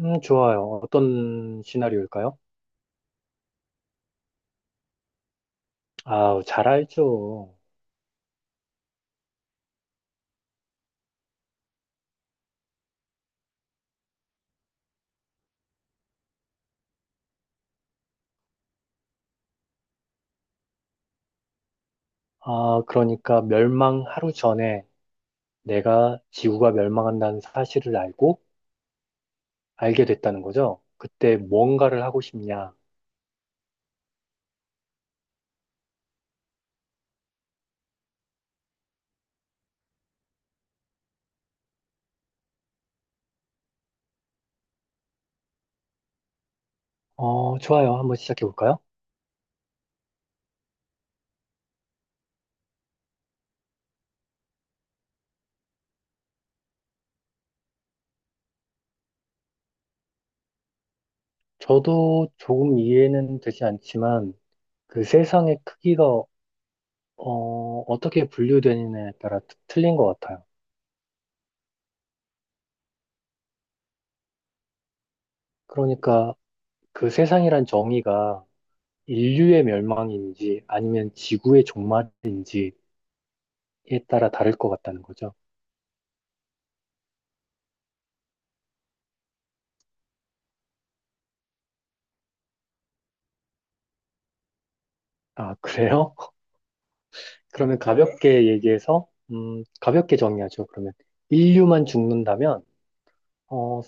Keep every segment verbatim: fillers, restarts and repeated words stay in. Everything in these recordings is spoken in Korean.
음, 좋아요. 어떤 시나리오일까요? 아, 잘 알죠. 아, 그러니까 멸망 하루 전에 내가 지구가 멸망한다는 사실을 알고 알게 됐다는 거죠. 그때 뭔가를 하고 싶냐? 어, 좋아요. 한번 시작해 볼까요? 저도 조금 이해는 되지 않지만 그 세상의 크기가 어, 어떻게 분류되느냐에 따라 트- 틀린 것 같아요. 그러니까 그 세상이란 정의가 인류의 멸망인지 아니면 지구의 종말인지 에 따라 다를 것 같다는 거죠. 아, 그래요? 그러면 가볍게 얘기해서, 음, 가볍게 정리하죠. 그러면 인류만 죽는다면, 어,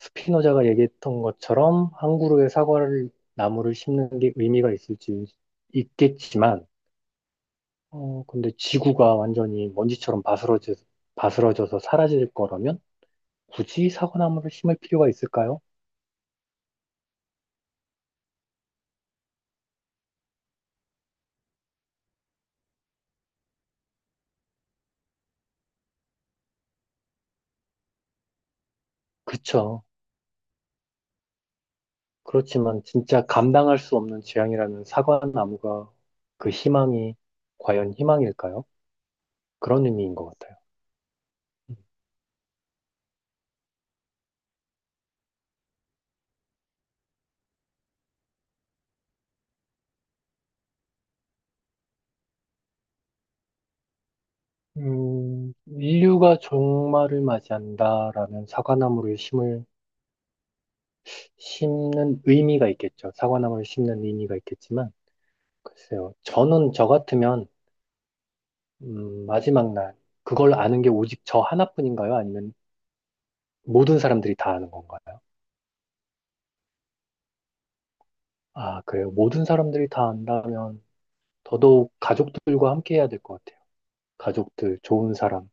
스피노자가 얘기했던 것처럼 한 그루의 사과를, 나무를 심는 게 의미가 있을지 있겠지만, 어, 근데 지구가 완전히 먼지처럼 바스러져, 바스러져서 사라질 거라면 굳이 사과나무를 심을 필요가 있을까요? 그쵸. 그렇지만 진짜 감당할 수 없는 재앙이라는 사과나무가 그 희망이 과연 희망일까요? 그런 의미인 것 같아요. 음, 인류가 종말을 맞이한다라는 사과나무를 심을, 심는 의미가 있겠죠. 사과나무를 심는 의미가 있겠지만, 글쎄요. 저는 저 같으면, 음, 마지막 날, 그걸 아는 게 오직 저 하나뿐인가요? 아니면 모든 사람들이 다 아는 건가요? 아, 그래요. 모든 사람들이 다 안다면 더더욱 가족들과 함께 해야 될 것 같아요. 가족들, 좋은 사람.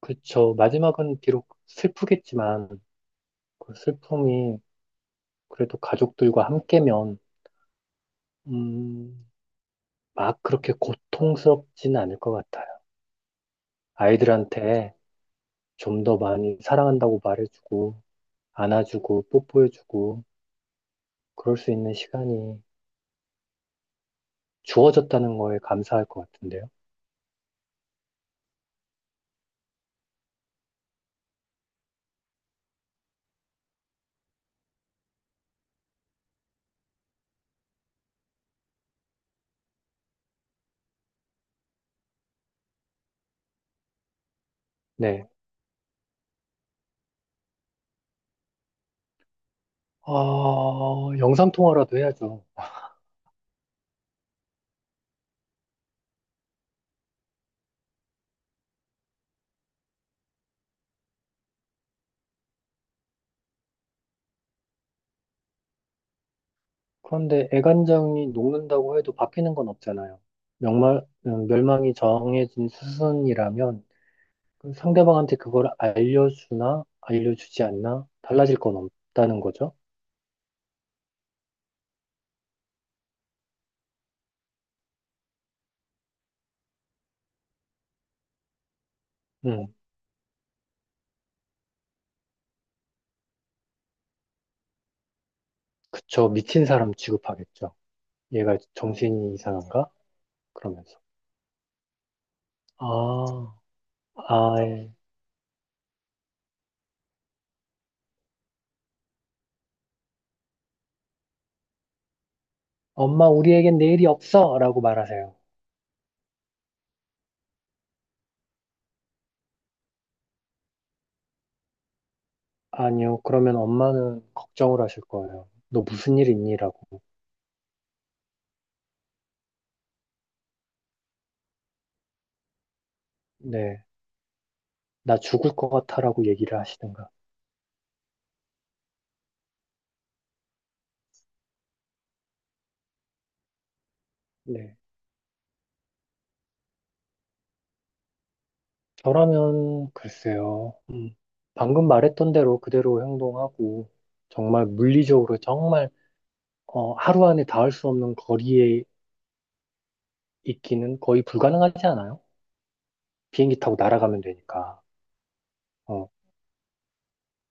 그쵸. 마지막은 비록 슬프겠지만, 그 슬픔이 그래도 가족들과 함께면, 음, 막 그렇게 고통스럽진 않을 것 같아요. 아이들한테 좀 더 많이 사랑한다고 말해주고, 안아주고, 뽀뽀해주고, 그럴 수 있는 시간이 주어졌다는 거에 감사할 것 같은데요. 네. 어, 영상통화라도 해야죠. 그런데 애간장이 녹는다고 해도 바뀌는 건 없잖아요. 명말, 음, 멸망이 정해진 수순이라면 그 상대방한테 그걸 알려주나 알려주지 않나 달라질 건 없다는 거죠. 음, 그쵸. 미친 사람 취급하겠죠. 얘가 정신이 이상한가? 그러면서. 아, 아, 예. 엄마 우리에겐 내일이 없어! 라고 말하세요. 아니요. 그러면 엄마는 걱정을 하실 거예요. 너 무슨 일 있니? 라고. 네. 나 죽을 것 같아라고 얘기를 하시든가. 네. 저라면 글쎄요. 음, 방금 말했던 대로 그대로 행동하고 정말 물리적으로 정말 어, 하루 안에 닿을 수 없는 거리에 있기는 거의 불가능하지 않아요? 비행기 타고 날아가면 되니까. 어,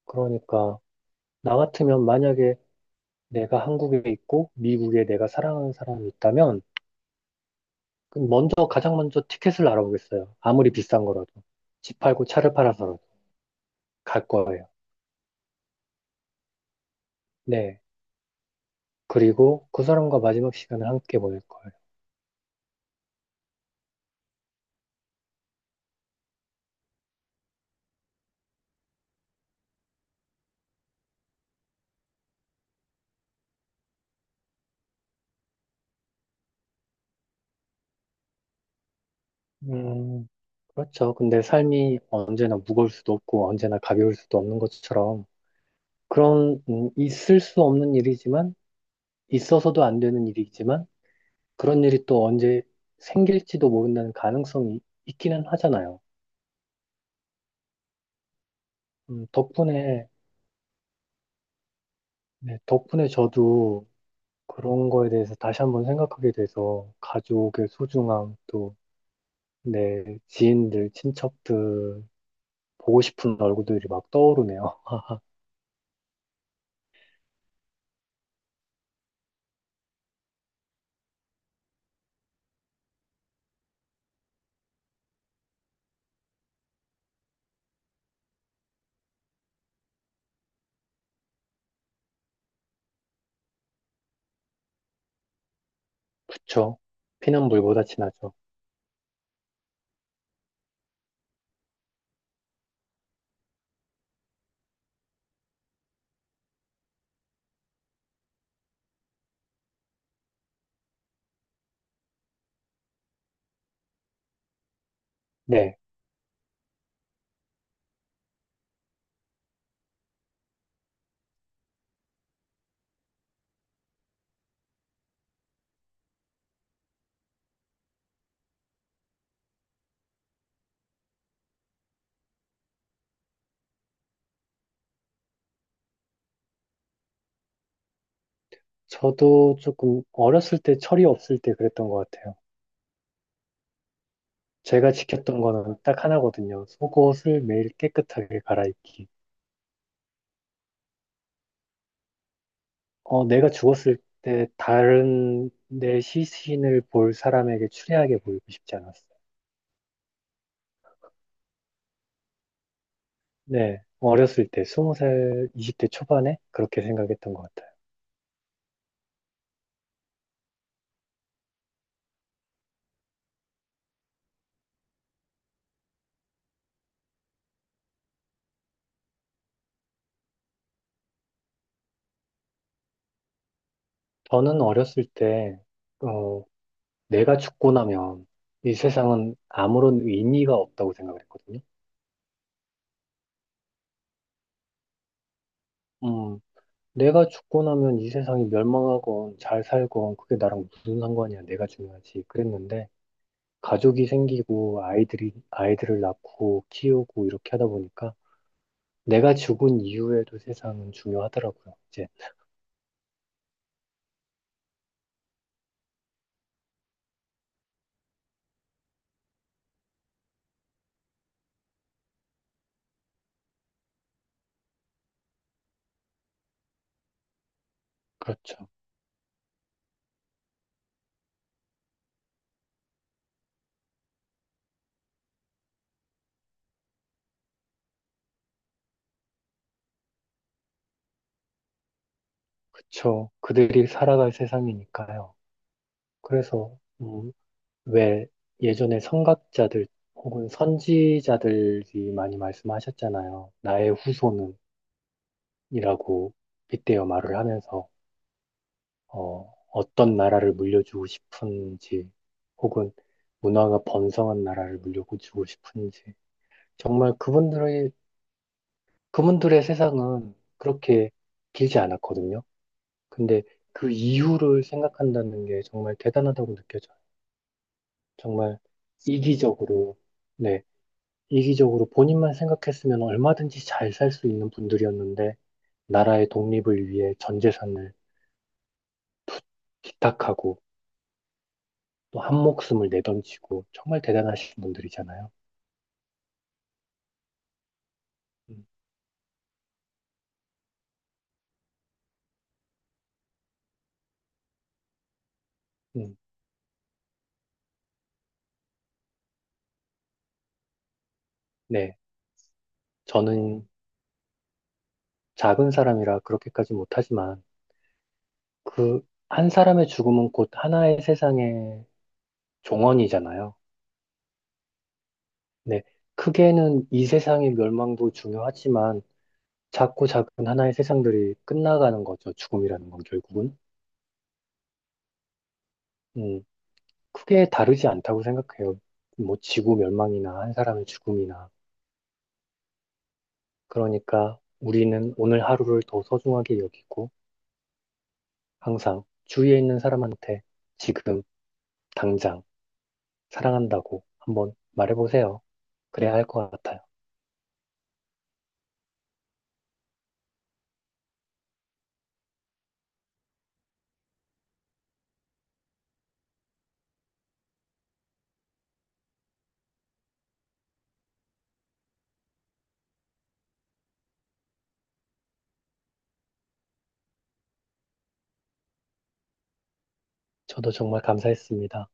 그러니까 나 같으면 만약에 내가 한국에 있고 미국에 내가 사랑하는 사람이 있다면 그 먼저 가장 먼저 티켓을 알아보겠어요. 아무리 비싼 거라도 집 팔고 차를 팔아서라도 갈 거예요. 네. 그리고 그 사람과 마지막 시간을 함께 보낼 거예요. 음, 그렇죠. 근데 삶이 언제나 무거울 수도 없고 언제나 가벼울 수도 없는 것처럼 그런 음, 있을 수 없는 일이지만 있어서도 안 되는 일이지만 그런 일이 또 언제 생길지도 모른다는 가능성이 있기는 하잖아요. 음, 덕분에 네, 덕분에 저도 그런 거에 대해서 다시 한번 생각하게 돼서 가족의 소중함 또 내 지인들, 친척들 보고 싶은 얼굴들이 막 떠오르네요. 그쵸? 피난물보다 진하죠. 네. 저도 조금 어렸을 때 철이 없을 때 그랬던 것 같아요. 제가 지켰던 거는 딱 하나거든요. 속옷을 매일 깨끗하게 갈아입기. 어, 내가 죽었을 때 다른 내 시신을 볼 사람에게 추리하게 보이고 싶지 않았어요. 네. 어렸을 때, 스무 살, 이십 대 초반에 그렇게 생각했던 것 같아요. 저는 어렸을 때, 어, 내가 죽고 나면 이 세상은 아무런 의미가 없다고 생각을 했거든요. 음, 내가 죽고 나면 이 세상이 멸망하건 잘 살건 그게 나랑 무슨 상관이야. 내가 중요하지. 그랬는데 가족이 생기고 아이들이 아이들을 낳고 키우고 이렇게 하다 보니까 내가 죽은 이후에도 세상은 중요하더라고요. 이제 그렇죠. 그쵸. 그들이 살아갈 세상이니까요. 그래서 음, 왜 예전에 선각자들 혹은 선지자들이 많이 말씀하셨잖아요. 나의 후손은이라고 빗대어 말을 하면서 어, 어떤 나라를 물려주고 싶은지, 혹은 문화가 번성한 나라를 물려주고 싶은지. 정말 그분들의, 그분들의 세상은 그렇게 길지 않았거든요. 근데 그 이유를 생각한다는 게 정말 대단하다고 느껴져요. 정말 이기적으로, 네, 이기적으로 본인만 생각했으면 얼마든지 잘 살 수 있는 분들이었는데, 나라의 독립을 위해 전 재산을 기탁하고, 또 한 목숨을 내던지고, 정말 대단하신 분들이잖아요. 음, 음, 네. 저는 작은 사람이라 그렇게까지 못하지만, 그, 한 사람의 죽음은 곧 하나의 세상의 종언이잖아요. 네. 크게는 이 세상의 멸망도 중요하지만, 작고 작은 하나의 세상들이 끝나가는 거죠. 죽음이라는 건 결국은. 음, 크게 다르지 않다고 생각해요. 뭐, 지구 멸망이나 한 사람의 죽음이나. 그러니까, 우리는 오늘 하루를 더 소중하게 여기고, 항상 주위에 있는 사람한테 지금, 당장, 사랑한다고 한번 말해보세요. 그래야 할 것 같아요. 저도 정말 감사했습니다.